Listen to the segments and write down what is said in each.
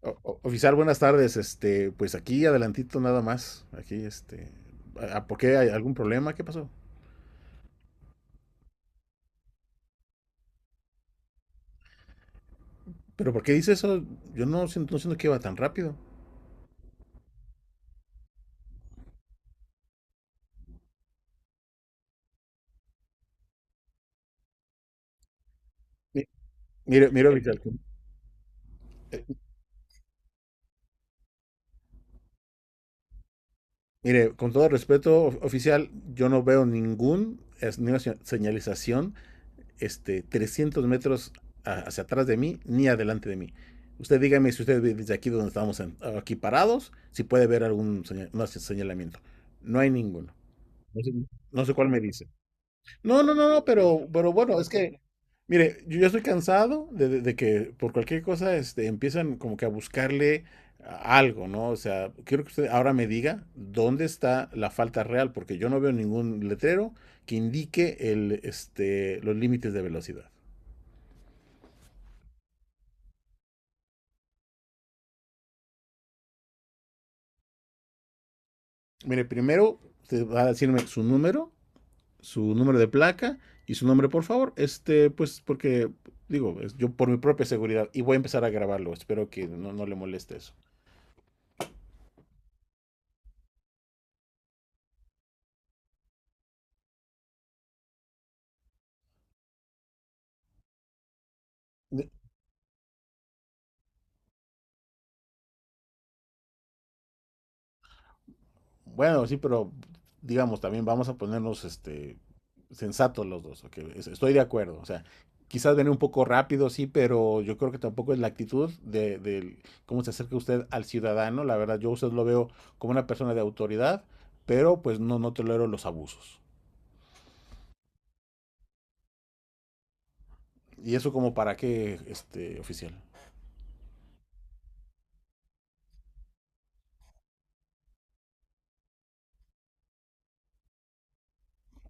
O, oficial, buenas tardes. Pues aquí adelantito nada más. Aquí, ¿por qué hay algún problema? ¿Qué pasó? Pero ¿por qué dice eso? Yo no siento que iba tan rápido. Mi- mire, oficial, eh, mire, con todo respeto, oficial, yo no veo señalización, 300 metros hacia atrás de mí ni adelante de mí. Usted dígame si usted ve desde aquí donde estamos aquí parados, si puede ver no, señalamiento. No hay ninguno. No sé, no sé cuál me dice. No, no, no, no, pero bueno, es que, mire, yo ya estoy cansado de que por cualquier cosa empiezan como que a buscarle algo, ¿no? O sea, quiero que usted ahora me diga dónde está la falta real, porque yo no veo ningún letrero que indique los límites de velocidad. Mire, primero usted va a decirme su número de placa y su nombre, por favor. Pues, porque, digo, yo por mi propia seguridad, y voy a empezar a grabarlo, espero que no le moleste eso. Bueno, sí, pero digamos, también vamos a ponernos sensatos los dos, ok, estoy de acuerdo, o sea, quizás viene un poco rápido, sí, pero yo creo que tampoco es la actitud del cómo se acerca usted al ciudadano, la verdad, yo a usted lo veo como una persona de autoridad, pero pues no tolero los abusos. Y eso como para qué, oficial.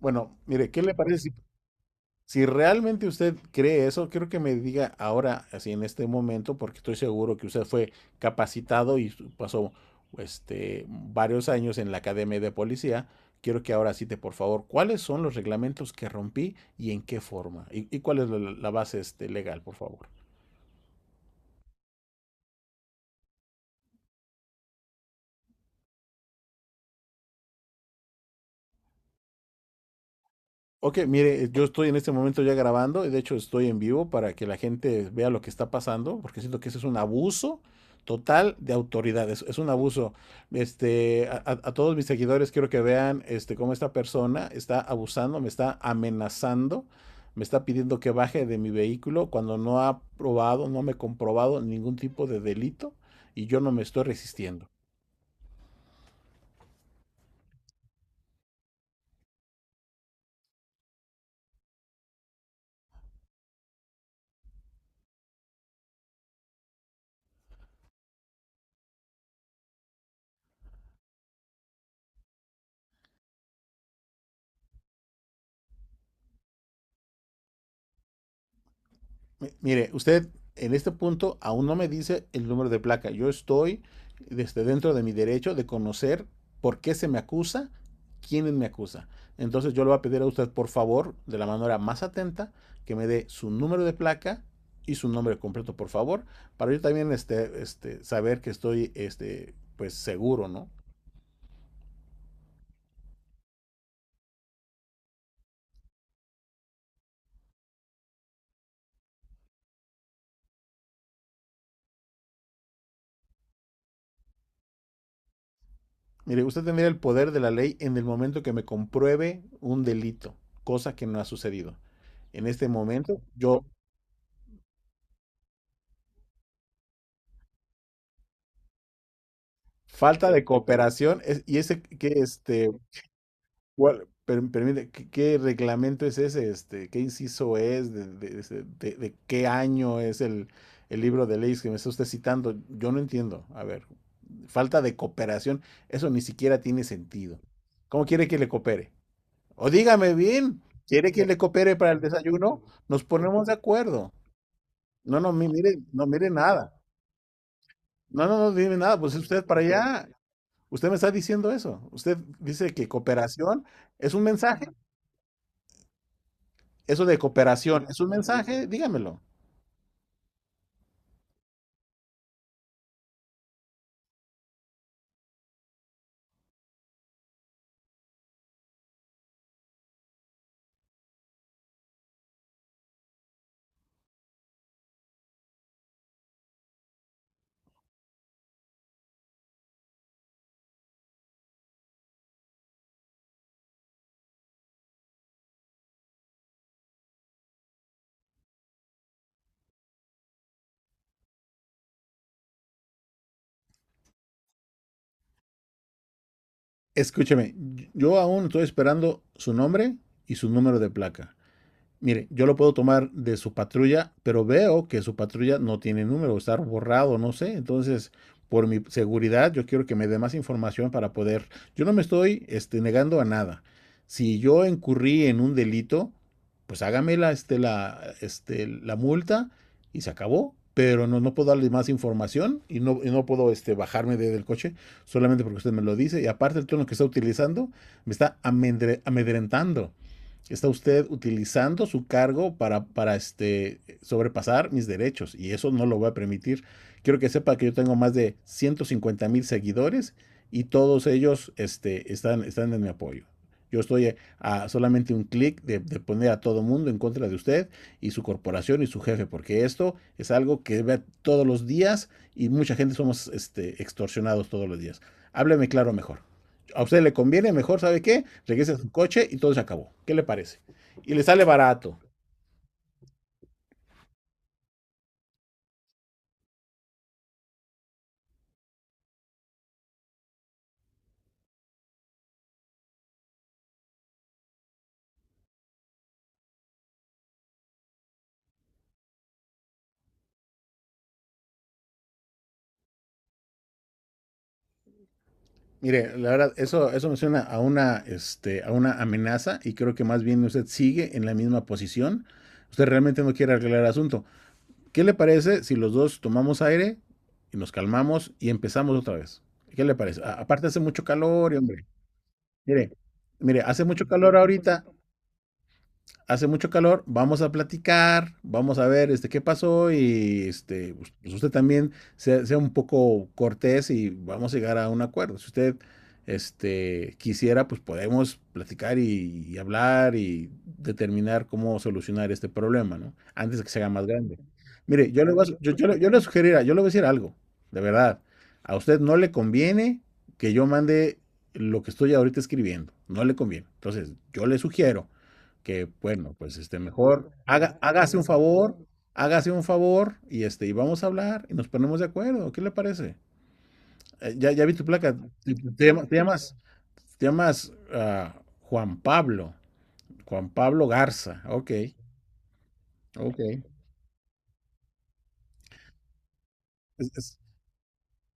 Bueno, mire, ¿qué le parece si... Si realmente usted cree eso, quiero que me diga ahora, así en este momento, porque estoy seguro que usted fue capacitado y pasó varios años en la academia de policía. Quiero que ahora cite, por favor, cuáles son los reglamentos que rompí y en qué forma, y cuál es la base legal, por favor. Ok, mire, yo estoy en este momento ya grabando y de hecho estoy en vivo para que la gente vea lo que está pasando, porque siento que ese es un abuso total de autoridad, es un abuso. A todos mis seguidores quiero que vean cómo esta persona está abusando, me está amenazando, me está pidiendo que baje de mi vehículo cuando no ha probado, no me ha comprobado ningún tipo de delito y yo no me estoy resistiendo. Mire, usted en este punto aún no me dice el número de placa. Yo estoy desde dentro de mi derecho de conocer por qué se me acusa, quién me acusa. Entonces yo le voy a pedir a usted, por favor, de la manera más atenta, que me dé su número de placa y su nombre completo, por favor, para yo también saber que estoy pues seguro, ¿no? Mire, usted tendría el poder de la ley en el momento que me compruebe un delito, cosa que no ha sucedido. En este momento, yo... Falta de cooperación. ¿Y ese qué, cuál, permite, qué reglamento es ese? ¿Qué inciso es? ¿De qué año es el libro de leyes que me está usted citando? Yo no entiendo. A ver, falta de cooperación, eso ni siquiera tiene sentido. ¿Cómo quiere que le coopere? O dígame bien, ¿quiere que le coopere para el desayuno? Nos ponemos de acuerdo. No, no, mire, no mire nada. No, no, no, dime nada, pues es usted para allá... Usted me está diciendo eso. Usted dice que cooperación es un mensaje. Eso de cooperación es un mensaje. Dígamelo. Escúcheme, yo aún estoy esperando su nombre y su número de placa. Mire, yo lo puedo tomar de su patrulla, pero veo que su patrulla no tiene número, está borrado, no sé. Entonces, por mi seguridad, yo quiero que me dé más información para poder. Yo no me estoy negando a nada. Si yo incurrí en un delito, pues hágame la multa y se acabó. Pero no puedo darle más información y no puedo bajarme del coche solamente porque usted me lo dice. Y aparte el tono que está utilizando me está amedrentando. Está usted utilizando su cargo para sobrepasar mis derechos y eso no lo voy a permitir. Quiero que sepa que yo tengo más de 150,000 seguidores y todos ellos están en mi apoyo. Yo estoy a solamente un clic de poner a todo mundo en contra de usted y su corporación y su jefe, porque esto es algo que ve todos los días y mucha gente somos extorsionados todos los días. Hábleme claro, mejor a usted le conviene. Mejor, ¿sabe qué? Regrese a su coche y todo se acabó. ¿Qué le parece? Y le sale barato. Mire, la verdad, eso me suena a una amenaza y creo que más bien usted sigue en la misma posición. Usted realmente no quiere arreglar el asunto. ¿Qué le parece si los dos tomamos aire y nos calmamos y empezamos otra vez? ¿Qué le parece? Aparte hace mucho calor, y, hombre. Mire, mire, hace mucho calor ahorita. Hace mucho calor, vamos a platicar, vamos a ver qué pasó y pues, usted también sea un poco cortés y vamos a llegar a un acuerdo. Si usted quisiera, pues podemos platicar y hablar y determinar cómo solucionar este problema, ¿no? Antes de que se haga más grande. Mire, yo le voy a decir algo, de verdad. A usted no le conviene que yo mande lo que estoy ahorita escribiendo, no le conviene. Entonces, yo le sugiero que bueno, pues mejor hágase un favor y vamos a hablar y nos ponemos de acuerdo. ¿Qué le parece? Ya vi tu placa. Te, te llama- te llamas te llamas Juan Pablo, Garza. Ok, ok. ¿Es, es-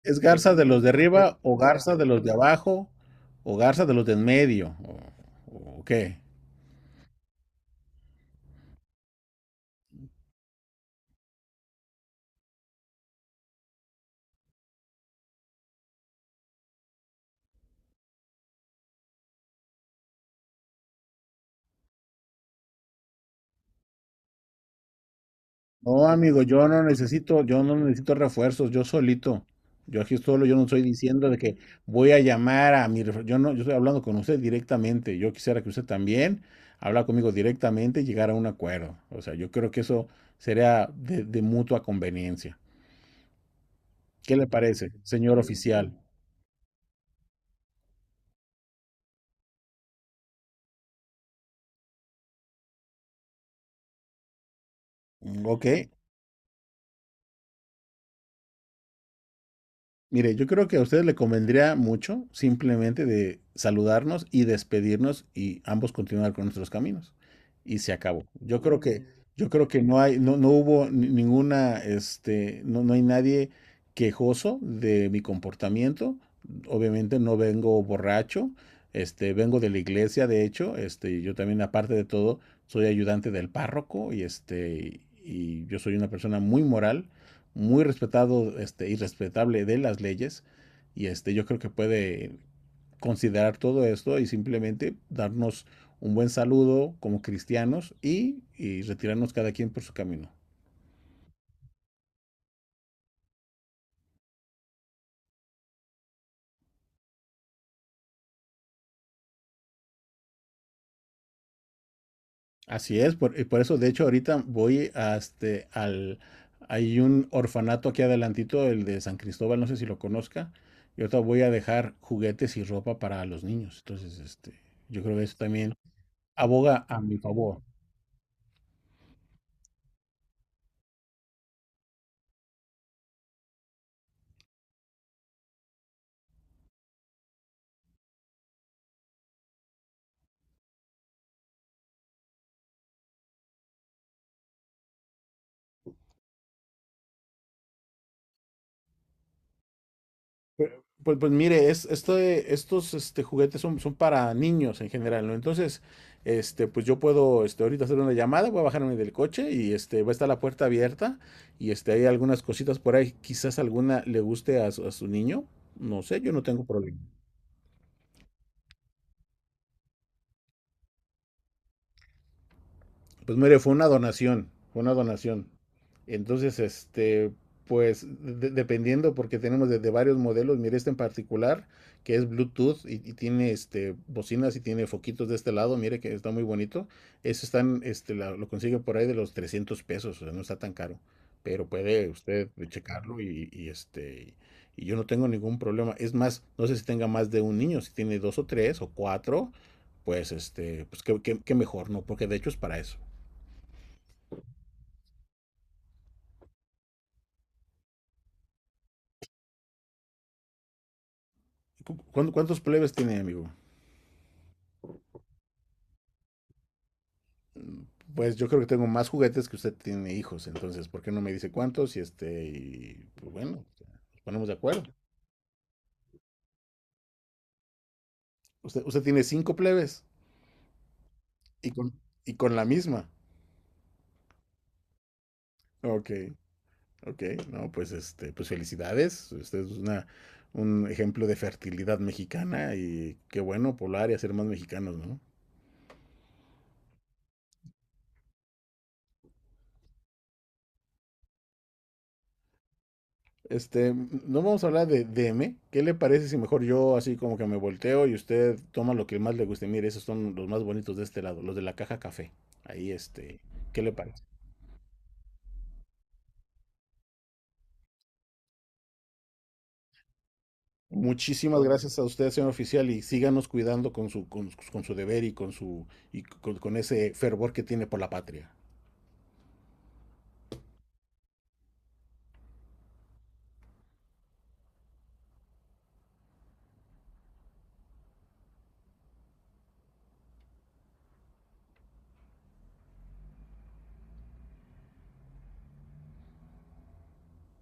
es Garza de los de arriba o Garza de los de abajo o Garza de los de en medio o qué? No, amigo, yo no necesito refuerzos, yo solito. Yo aquí solo, yo no estoy diciendo de que voy a llamar a mi refuerzo. Yo no, yo estoy hablando con usted directamente. Yo quisiera que usted también habla conmigo directamente y llegar a un acuerdo. O sea, yo creo que eso sería de mutua conveniencia. ¿Qué le parece, señor oficial? Mm, ok... Mire, yo creo que a ustedes le convendría mucho simplemente de saludarnos y despedirnos y ambos continuar con nuestros caminos. Y se acabó. Yo creo que no hay, no, no hubo ninguna, no, no hay nadie quejoso de mi comportamiento. Obviamente no vengo borracho, vengo de la iglesia, de hecho, yo también, aparte de todo, soy ayudante del párroco y yo soy una persona muy moral, muy respetado, y respetable de las leyes. Yo creo que puede considerar todo esto y simplemente darnos un buen saludo como cristianos y retirarnos cada quien por su camino. Así es, y por eso de hecho ahorita voy al... Hay un orfanato aquí adelantito, el de San Cristóbal, no sé si lo conozca. Y ahorita voy a dejar juguetes y ropa para los niños. Entonces, yo creo que eso también aboga a mi favor. Pues, pues mire, estos juguetes son para niños en general, ¿no? Entonces, pues yo puedo ahorita hacer una llamada, voy a bajarme del coche va a estar la puerta abierta hay algunas cositas por ahí, quizás alguna le guste a su niño, no sé, yo no tengo problema. Pues mire, fue una donación, fue una donación. Entonces, pues dependiendo, porque tenemos desde varios modelos, mire este en particular, que es Bluetooth y tiene bocinas y tiene foquitos de este lado, mire que está muy bonito. Eso están, lo consigue por ahí de los 300 pesos, o sea, no está tan caro, pero puede usted checarlo y yo no tengo ningún problema. Es más, no sé si tenga más de un niño, si tiene dos o tres o cuatro, pues qué mejor, ¿no? Porque de hecho es para eso. ¿Cuántos plebes tiene, amigo? Pues yo creo que tengo más juguetes que usted tiene hijos, entonces, ¿por qué no me dice cuántos? Y pues bueno, o sea, nos ponemos de acuerdo. Usted tiene cinco plebes y con, y con la misma. Ok, ok, no, pues felicidades. Usted es un ejemplo de fertilidad mexicana y qué bueno poblar y hacer más mexicanos, ¿no? No vamos a hablar de DM. ¿Qué le parece si mejor yo así como que me volteo y usted toma lo que más le guste? Mire, esos son los más bonitos de este lado, los de la caja café. Ahí, ¿qué le parece? Muchísimas gracias a usted, señor oficial, y síganos cuidando con su deber y con ese fervor que tiene por la patria.